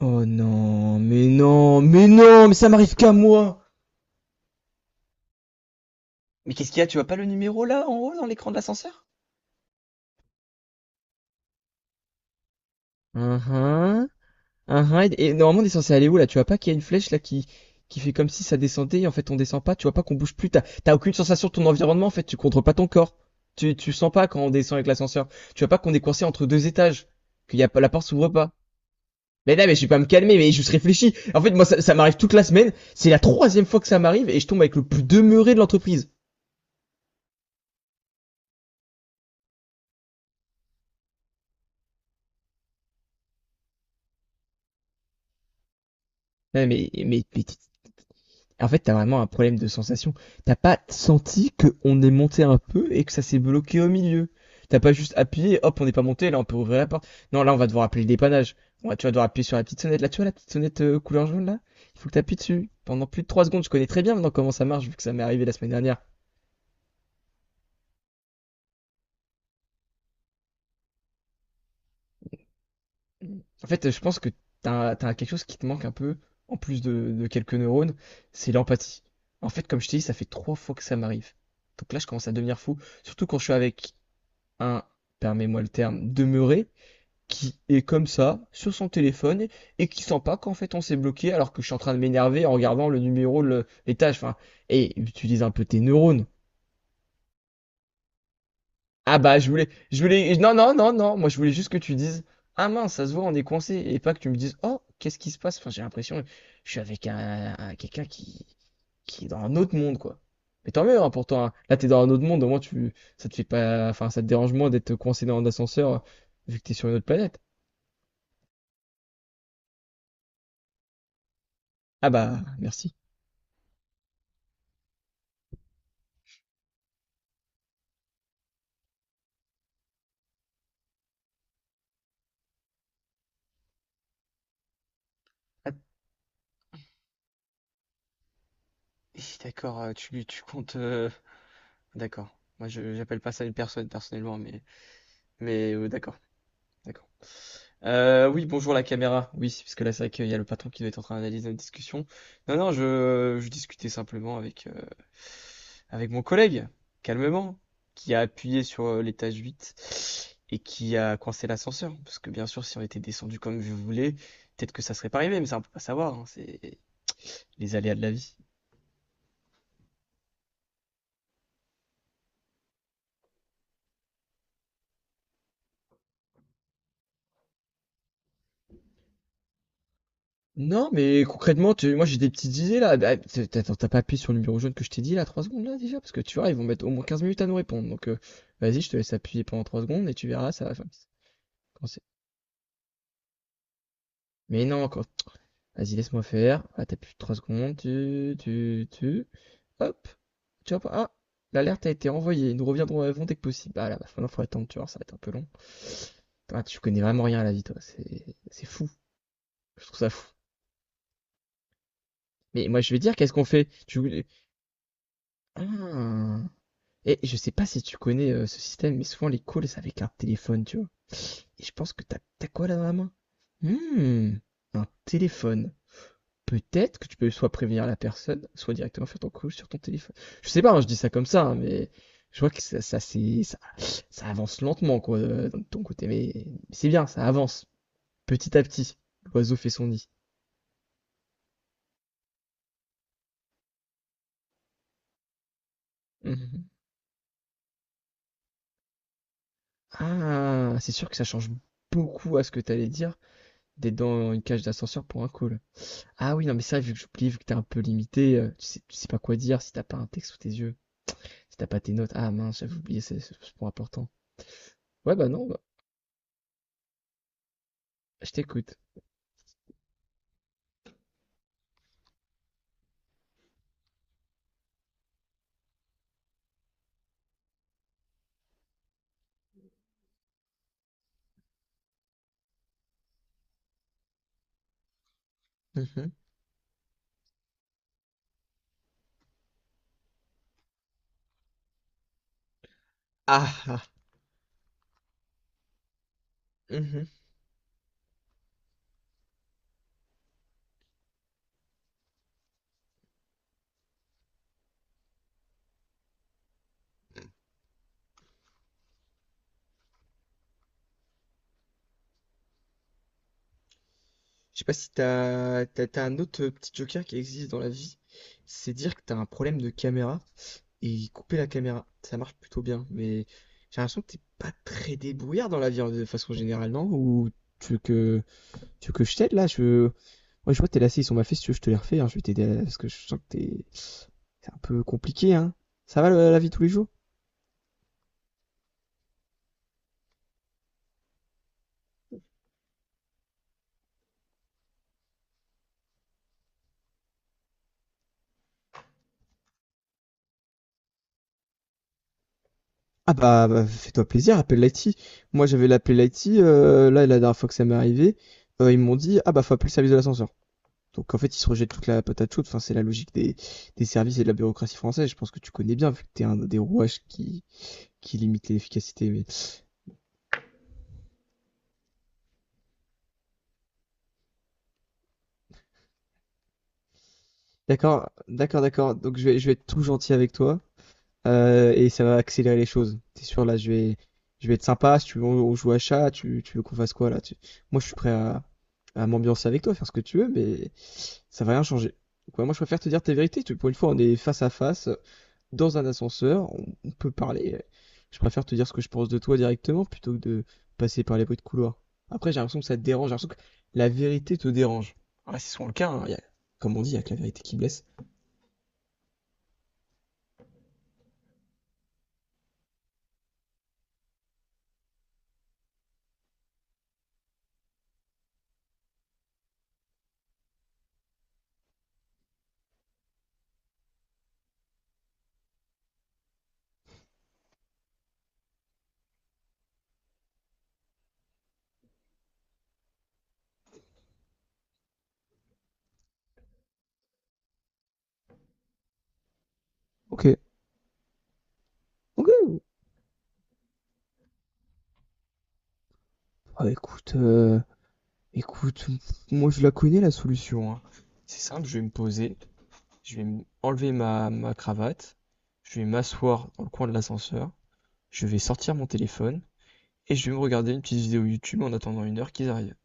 Oh non, mais non, mais non, mais ça m'arrive qu'à moi. Mais qu'est-ce qu'il y a? Tu vois pas le numéro là en haut dans l'écran de l'ascenseur? Uhum, uhum, et normalement, on est censé aller où là? Tu vois pas qu'il y a une flèche là qui fait comme si ça descendait et en fait on descend pas. Tu vois pas qu'on bouge plus. T'as aucune sensation de ton environnement en fait. Tu contrôles pas ton corps. Tu sens pas quand on descend avec l'ascenseur. Tu vois pas qu'on est coincé entre 2 étages. Qu'il y a pas, la porte s'ouvre pas. Mais non, mais je vais pas me calmer, mais je réfléchis. En fait, moi, ça m'arrive toute la semaine. C'est la troisième fois que ça m'arrive et je tombe avec le plus demeuré de l'entreprise. Ouais, mais en fait, t'as vraiment un problème de sensation. T'as pas senti qu'on est monté un peu et que ça s'est bloqué au milieu. T'as pas juste appuyé, hop, on n'est pas monté, là on peut ouvrir la porte. Non, là on va devoir appeler le dépannage. Tu vas devoir appuyer sur la petite sonnette. Là, tu vois la petite sonnette couleur jaune là? Il faut que t'appuies dessus. Pendant plus de 3 secondes, je connais très bien maintenant comment ça marche vu que ça m'est arrivé la semaine dernière. En fait, je pense que t'as quelque chose qui te manque un peu, en plus de quelques neurones, c'est l'empathie. En fait, comme je t'ai dit, ça fait trois fois que ça m'arrive. Donc là, je commence à devenir fou. Surtout quand je suis avec un, permets-moi le terme, demeuré, qui est comme ça, sur son téléphone, et qui sent pas qu'en fait on s'est bloqué alors que je suis en train de m'énerver en regardant le numéro, les tâches, enfin, et utilise un peu tes neurones. Ah bah je voulais, non non non non, moi je voulais juste que tu dises, ah mince, ça se voit, on est coincé, et pas que tu me dises, oh, qu'est-ce qui se passe? Enfin, j'ai l'impression, je suis avec quelqu'un qui est dans un autre monde quoi. Mais tant mieux, hein, pourtant, hein. Là t'es dans un autre monde, au moins ça te fait pas, enfin ça te dérange moins d'être coincé dans un ascenseur vu que t'es sur une autre planète. Ah bah merci. Ah, hi, d'accord, tu comptes. D'accord. Moi, je j'appelle pas ça une personne personnellement, mais d'accord, d'accord. Oui, bonjour la caméra. Oui, parce que là, c'est vrai qu'il y a le patron qui doit être en train d'analyser notre discussion. Non, non, je discutais simplement avec mon collègue, calmement, qui a appuyé sur l'étage 8 et qui a coincé l'ascenseur. Parce que bien sûr, si on était descendu comme je voulais, peut-être que ça serait pas arrivé, mais ça, on peut pas savoir, hein, c'est les aléas de la vie. Non, mais concrètement, moi j'ai des petites idées là. Ah, Attends, t'as pas appuyé sur le numéro jaune que je t'ai dit là, 3 secondes là déjà? Parce que tu vois, ils vont mettre au moins 15 minutes à nous répondre. Donc vas-y, je te laisse appuyer pendant 3 secondes et tu verras, ça va faire. quand c'est- Mais non, vas-y, laisse-moi faire. Ah, t'appuies 3 secondes, tu, tu, tu. Hop, tu vois pas. Ah, l'alerte a été envoyée. Nous reviendrons avant dès que possible. Ah là, bah, maintenant faut attendre, tu vois, ça va être un peu long. Ah, tu connais vraiment rien à la vie, toi. C'est fou. Je trouve ça fou. Mais moi, je vais dire, qu'est-ce qu'on fait? Tu voulais. Ah. Et je sais pas si tu connais ce système, mais souvent les calls c'est avec un téléphone, tu vois. Et je pense que t'as quoi là dans la main? Hmm, un téléphone. Peut-être que tu peux soit prévenir la personne, soit directement faire ton call sur ton téléphone. Je sais pas, hein, je dis ça comme ça, hein, mais je vois que ça avance lentement, quoi, de ton côté. Mais c'est bien, ça avance. Petit à petit, l'oiseau fait son nid. Mhm. Ah, c'est sûr que ça change beaucoup à ce que t'allais dire d'être dans une cage d'ascenseur pour un call. Ah oui, non, mais ça, vu que j'oublie, vu que t'es un peu limité, tu sais pas quoi dire si t'as pas un texte sous tes yeux, si t'as pas tes notes. Ah mince, j'avais oublié ce point important. Ouais, bah non, bah, je t'écoute. Mhm. Ah, ah, mhm. Je sais pas si t'as un autre petit joker qui existe dans la vie. C'est dire que t'as un problème de caméra et couper la caméra. Ça marche plutôt bien, mais j'ai l'impression que t'es pas très débrouillard dans la vie de façon générale, non? Ou tu veux que, tu veux que je t'aide là? Ouais, je vois tes lacets, ils sont mal faits. Si tu veux, je te les refais. Hein. Je vais t'aider là, parce que je sens que c'est un peu compliqué, hein. Ça va la vie tous les jours? Ah bah, bah, fais-toi plaisir, appelle l'IT. Moi j'avais l'appel l'IT, là la dernière fois que ça m'est arrivé, ils m'ont dit ah bah faut appeler le service de l'ascenseur. Donc en fait ils se rejettent toute la patate chaude, enfin c'est la logique des services et de la bureaucratie française, je pense que tu connais bien vu que t'es un des rouages qui limite l'efficacité. Mais... D'accord, d'accord, d'accord, donc je vais être tout gentil avec toi. Et ça va accélérer les choses. T'es sûr, là, je vais être sympa. Si tu veux, on joue à chat, tu veux qu'on fasse quoi là? Moi, je suis prêt à m'ambiancer avec toi, faire ce que tu veux, mais ça va rien changer. Donc, ouais, moi, je préfère te dire tes vérités. Pour une fois, on est face à face, dans un ascenseur, on peut parler. Je préfère te dire ce que je pense de toi directement plutôt que de passer par les bruits de couloir. Après, j'ai l'impression que ça te dérange. J'ai l'impression que la vérité te dérange. Ah, c'est souvent le cas, hein. Comme on dit, il y a que la vérité qui blesse. Ok. Ok. Ah, écoute. Écoute, moi je la connais la solution, hein. C'est simple, je vais me poser, je vais enlever ma cravate, je vais m'asseoir dans le coin de l'ascenseur, je vais sortir mon téléphone et je vais me regarder une petite vidéo YouTube en attendant 1 heure qu'ils arrivent.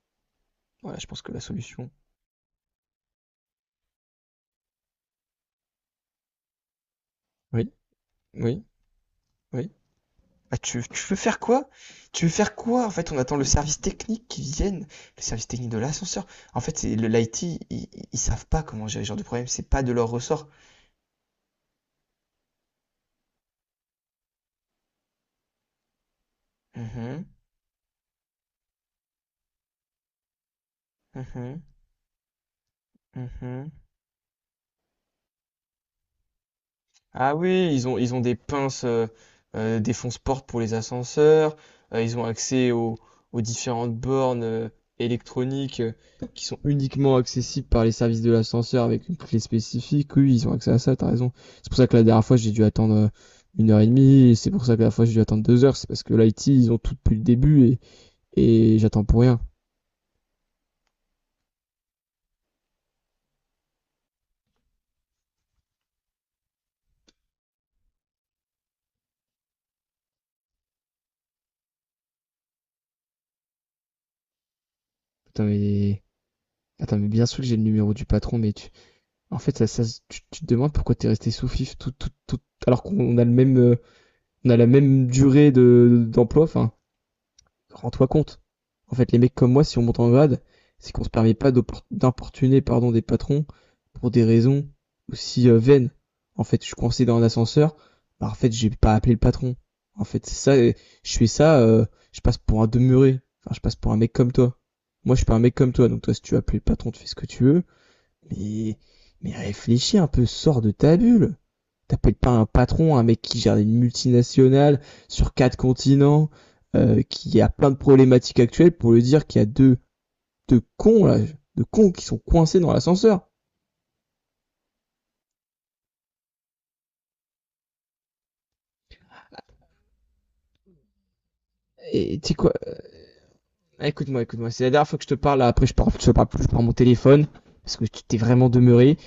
Voilà, je pense que la solution. Oui, oui, oui. Ah, tu veux faire quoi? Tu veux faire quoi? En fait, on attend le service technique qui vienne, le service technique de l'ascenseur. En fait, c'est le l'IT, ils savent pas comment gérer ce genre de problème, c'est pas de leur ressort. Mhm, mhm, mhm. Ah oui, ils ont des pinces, des fonce-portes pour les ascenseurs, ils ont accès aux différentes bornes électroniques qui sont uniquement accessibles par les services de l'ascenseur avec une clé spécifique. Oui, ils ont accès à ça, t'as raison. C'est pour ça que la dernière fois, j'ai dû attendre 1 h 30, et c'est pour ça que la dernière fois, j'ai dû attendre 2 heures, c'est parce que l'IT, ils ont tout depuis le début, et j'attends pour rien. Putain, Attends, mais bien sûr que j'ai le numéro du patron. En fait, ça, tu te demandes pourquoi t'es resté sous FIF tout, tout, tout, alors qu'on a la même durée de d'emploi. Enfin, rends-toi compte. En fait, les mecs comme moi, si on monte en grade, c'est qu'on se permet pas d'importuner pardon des patrons pour des raisons aussi vaines. En fait, je suis coincé dans un ascenseur. Bah, en fait, j'ai pas appelé le patron. En fait, c'est ça. Je fais ça. Je passe pour un demeuré. Enfin, je passe pour un mec comme toi. Moi, je suis pas un mec comme toi. Donc toi, si tu appelles le patron, tu fais ce que tu veux. Mais mais réfléchis un peu. Sors de ta bulle t'appelles pas un patron, un mec qui gère une multinationale sur quatre continents, qui a plein de problématiques actuelles pour lui dire qu'il y a deux cons, là, deux cons qui sont coincés dans l'ascenseur. Et tu sais quoi Écoute-moi, écoute-moi, c'est la dernière fois que je te parle, là, après je parle plus par mon téléphone, parce que tu t'es vraiment demeuré.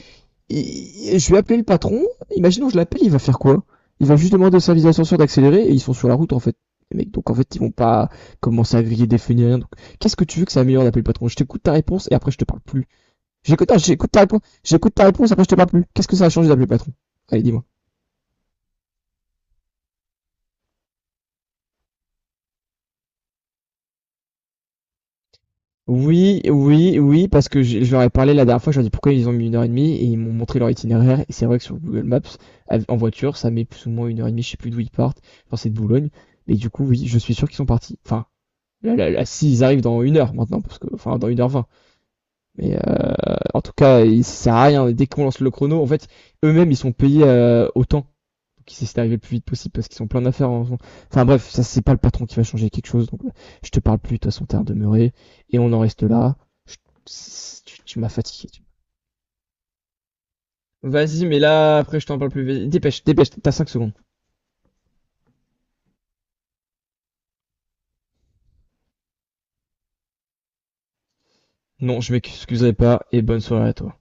Je vais appeler le patron. Imaginons, je l'appelle, il va faire quoi? Il va juste demander au service d'ascenseur d'accélérer et ils sont sur la route en fait. Les mecs, donc en fait, ils vont pas commencer à griller des feux ni rien. Donc, qu'est-ce que tu veux que ça améliore d'appeler le patron? Je t'écoute ta réponse et après je te parle plus. J'écoute ta réponse, après je te parle plus. Qu'est-ce que ça a changé d'appeler le patron? Allez, dis-moi. Oui, oui, oui, parce que je leur ai parlé la dernière fois, je leur ai dit pourquoi ils ont mis 1 h 30 et ils m'ont montré leur itinéraire. Et c'est vrai que sur Google Maps, en voiture, ça met plus ou moins 1 h 30, je sais plus d'où ils partent. Enfin, c'est de Boulogne. Mais du coup, oui, je suis sûr qu'ils sont partis. Enfin, Là, là, là, s'ils arrivent dans 1 heure maintenant, parce que, enfin, dans 1 h 20. Mais en tout cas, il ça sert à rien. Dès qu'on lance le chrono, en fait, eux-mêmes, ils sont payés autant. Donc, ils essaient d'arriver le plus vite possible parce qu'ils sont plein d'affaires. Enfin, bref, ça, c'est pas le patron qui va changer quelque chose. Donc, je te parle plus. De toute façon, t'es demeuré. Et on en reste là. Je- tu m'as fatigué. Vas-y, mais là, après, je t'en parle plus. Vas-y, dépêche, dépêche. T'as 5 secondes. Non, je m'excuserai pas. Et bonne soirée à toi.